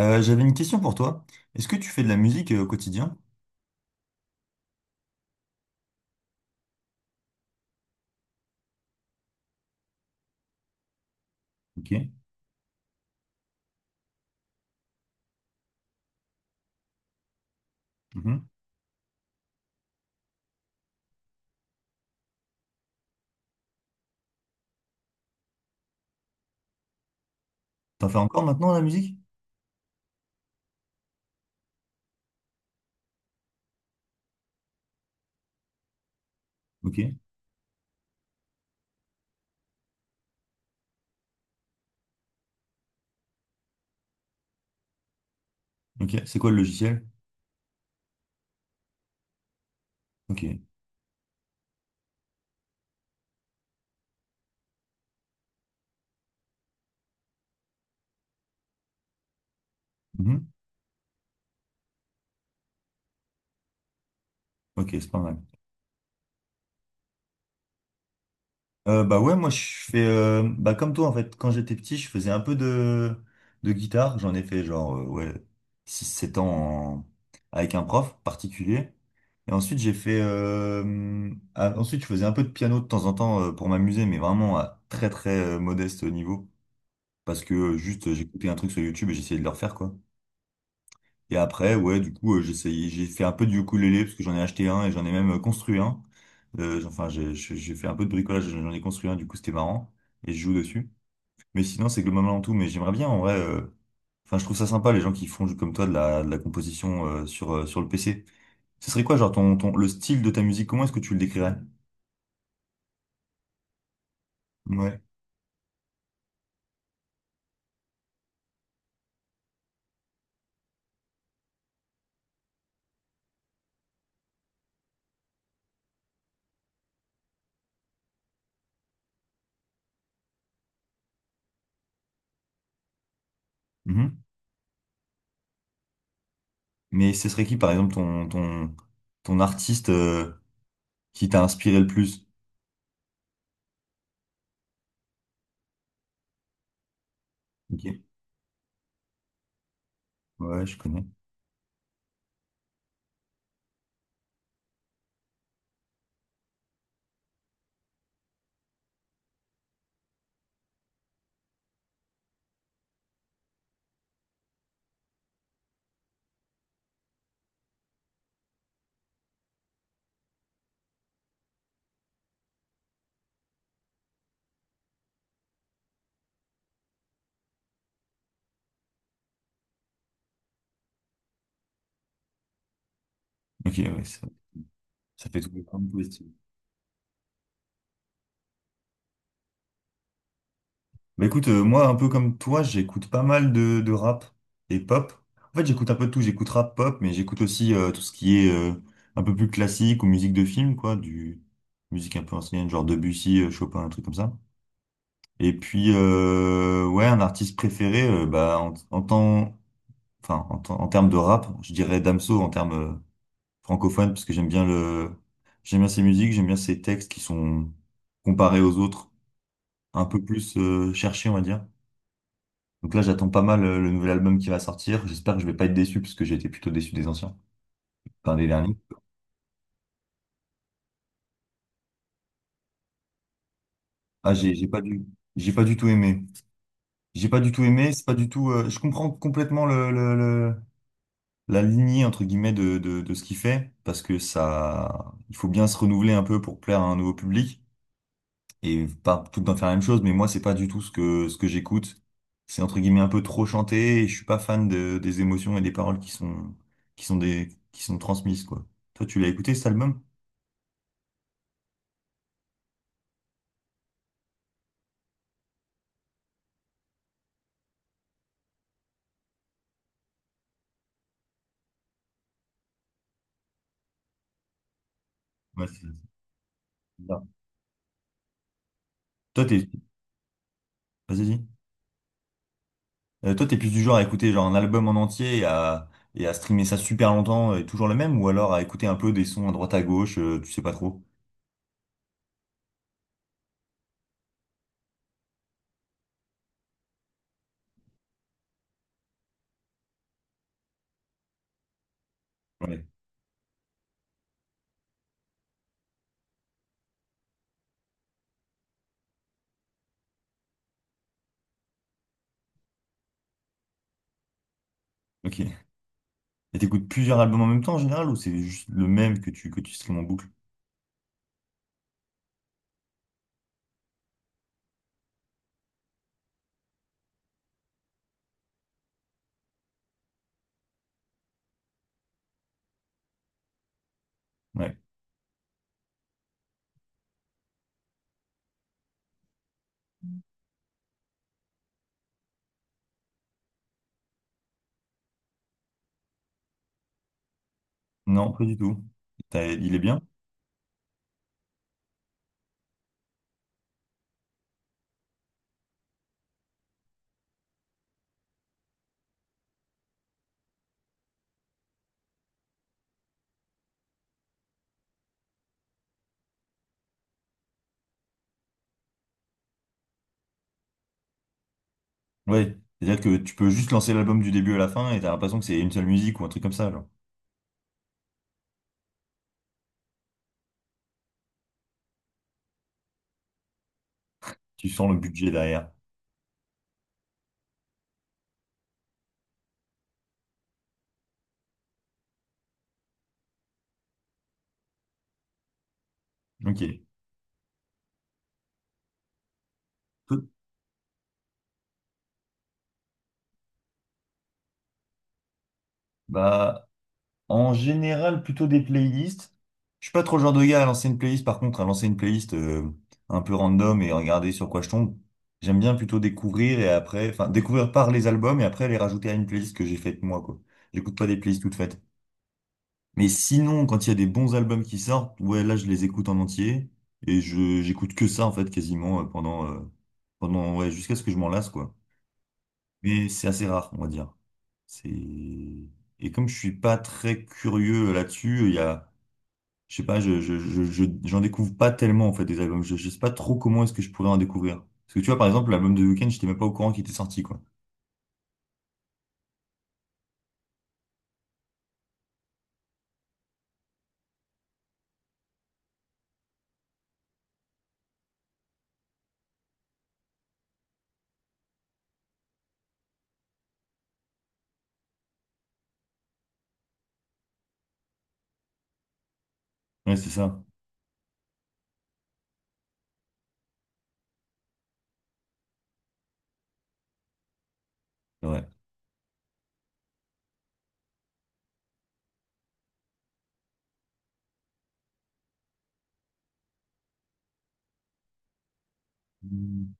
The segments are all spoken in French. J'avais une question pour toi. Est-ce que tu fais de la musique au quotidien? Ok. Mhm. T'en fais encore maintenant la musique? Ok. Ok. C'est quoi le logiciel? Ok. Mhm. Ok, c'est pas mal. Bah ouais, moi je fais bah comme toi en fait, quand j'étais petit, je faisais un peu de guitare. J'en ai fait genre ouais six sept ans en- avec un prof particulier. Et ensuite j'ai fait ensuite je faisais un peu de piano de temps en temps pour m'amuser, mais vraiment à très très modeste niveau. Parce que juste, j'écoutais un truc sur YouTube et j'essayais de le refaire quoi. Et après, ouais, du coup, j'ai fait un peu du ukulélé parce que j'en ai acheté un et j'en ai même construit un. Enfin, j'ai fait un peu de bricolage, j'en ai construit un, du coup, c'était marrant. Et je joue dessus. Mais sinon, c'est globalement tout. Mais j'aimerais bien, en vrai. Enfin, je trouve ça sympa, les gens qui font comme toi de la composition sur, sur le PC. Ce serait quoi, genre, ton, ton, le style de ta musique, comment est-ce que tu le décrirais? Ouais. Mhm. Mais ce serait qui, par exemple, ton, ton, ton artiste qui t'a inspiré le plus? Ok. Ouais, je connais. Ok, ouais, ça fait tout le temps positif. Bah écoute, moi, un peu comme toi, j'écoute pas mal de rap et pop. En fait, j'écoute un peu de tout. J'écoute rap, pop, mais j'écoute aussi tout ce qui est un peu plus classique ou musique de film, quoi, du musique un peu ancienne, genre Debussy, Chopin, un truc comme ça. Et puis, ouais, un artiste préféré, bah en, en temps, enfin, en, temps- en termes de rap, je dirais Damso en termes francophones, parce que j'aime bien le, j'aime bien ses musiques, j'aime bien ses textes qui sont comparés aux autres. Un peu plus cherché, on va dire. Donc là, j'attends pas mal le nouvel album qui va sortir. J'espère que je vais pas être déçu parce que j'ai été plutôt déçu des anciens, enfin des derniers. Ah, j'ai pas du tout aimé. J'ai pas du tout aimé. C'est pas du tout. Je comprends complètement la lignée entre guillemets de, de ce qu'il fait parce que ça, il faut bien se renouveler un peu pour plaire à un nouveau public. Et pas tout le temps faire la même chose, mais moi, c'est pas du tout ce que j'écoute. C'est entre guillemets un peu trop chanté et je suis pas fan de, des émotions et des paroles qui sont des, qui sont transmises, quoi. Toi, tu l'as écouté cet album? Ouais, c'est bizarre. Toi, t'es, vas-y, dis. Toi, t'es plus du genre à écouter genre un album en entier et à streamer ça super longtemps et toujours le même, ou alors à écouter un peu des sons à droite à gauche, tu sais pas trop. Ouais. Ok. Et t'écoutes plusieurs albums en même temps en général, ou c'est juste le même que tu streames en boucle? Ouais. Non, pas du tout. Il est bien? Ouais, c'est-à-dire que tu peux juste lancer l'album du début à la fin et t'as l'impression que c'est une seule musique ou un truc comme ça, genre. Tu sens le budget derrière. Ok. Peu- Bah, en général, plutôt des playlists. Je suis pas trop le genre de gars à lancer une playlist, par contre, à lancer une playlist un peu random et regarder sur quoi je tombe. J'aime bien plutôt découvrir et après, enfin, découvrir par les albums et après les rajouter à une playlist que j'ai faite moi, quoi. J'écoute pas des playlists toutes faites. Mais sinon, quand il y a des bons albums qui sortent, ouais, là, je les écoute en entier et je j'écoute que ça en fait quasiment pendant ouais, jusqu'à ce que je m'en lasse quoi. Mais c'est assez rare, on va dire. C'est et comme je suis pas très curieux là-dessus, il y a je sais pas, j'en découvre pas tellement en fait des albums. Je sais pas trop comment est-ce que je pourrais en découvrir. Parce que tu vois, par exemple, l'album de Weeknd, j'étais même pas au courant qu'il était sorti quoi. Ouais, c'est ça. C'est vrai. Hmm.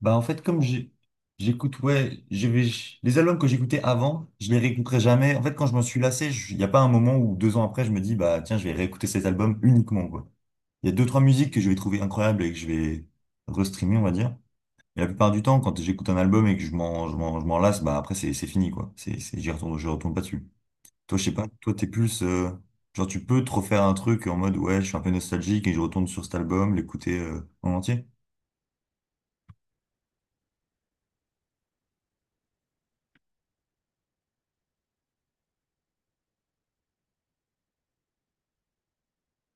Bah, en fait, comme j'ai- J'écoute, ouais, je vais, les albums que j'écoutais avant, je les réécouterai jamais. En fait, quand je m'en suis lassé, il n'y a pas un moment où deux ans après, je me dis, bah, tiens, je vais réécouter cet album uniquement, quoi. Il y a deux, trois musiques que je vais trouver incroyables et que je vais restreamer, on va dire. Et la plupart du temps, quand j'écoute un album et que je m'en lasse, bah, après, c'est fini, quoi. C'est, j'y retourne, je retourne pas dessus. Toi, je sais pas, toi, t'es plus, genre, tu peux te refaire un truc en mode, ouais, je suis un peu nostalgique et je retourne sur cet album, l'écouter, en entier.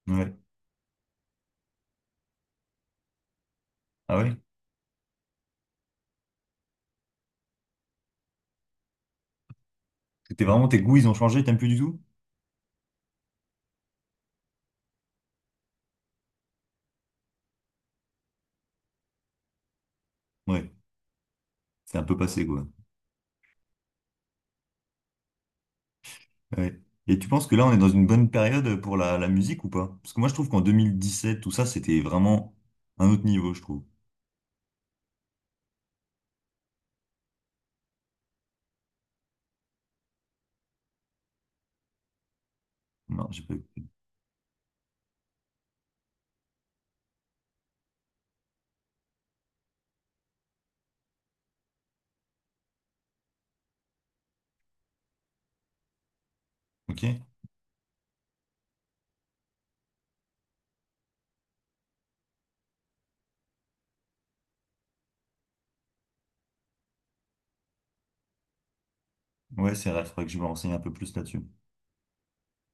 Ouais. Ah ouais? T'es vraiment, tes goûts, ils ont changé, t'aimes plus du tout? Ouais, c'est un peu passé, quoi. Ouais. Et tu penses que là, on est dans une bonne période pour la, la musique ou pas? Parce que moi, je trouve qu'en 2017, tout ça, c'était vraiment un autre niveau, je trouve. Non, j'ai pas... eu. Ok? Ouais, c'est vrai, il faudrait que je me renseigne un peu plus là-dessus.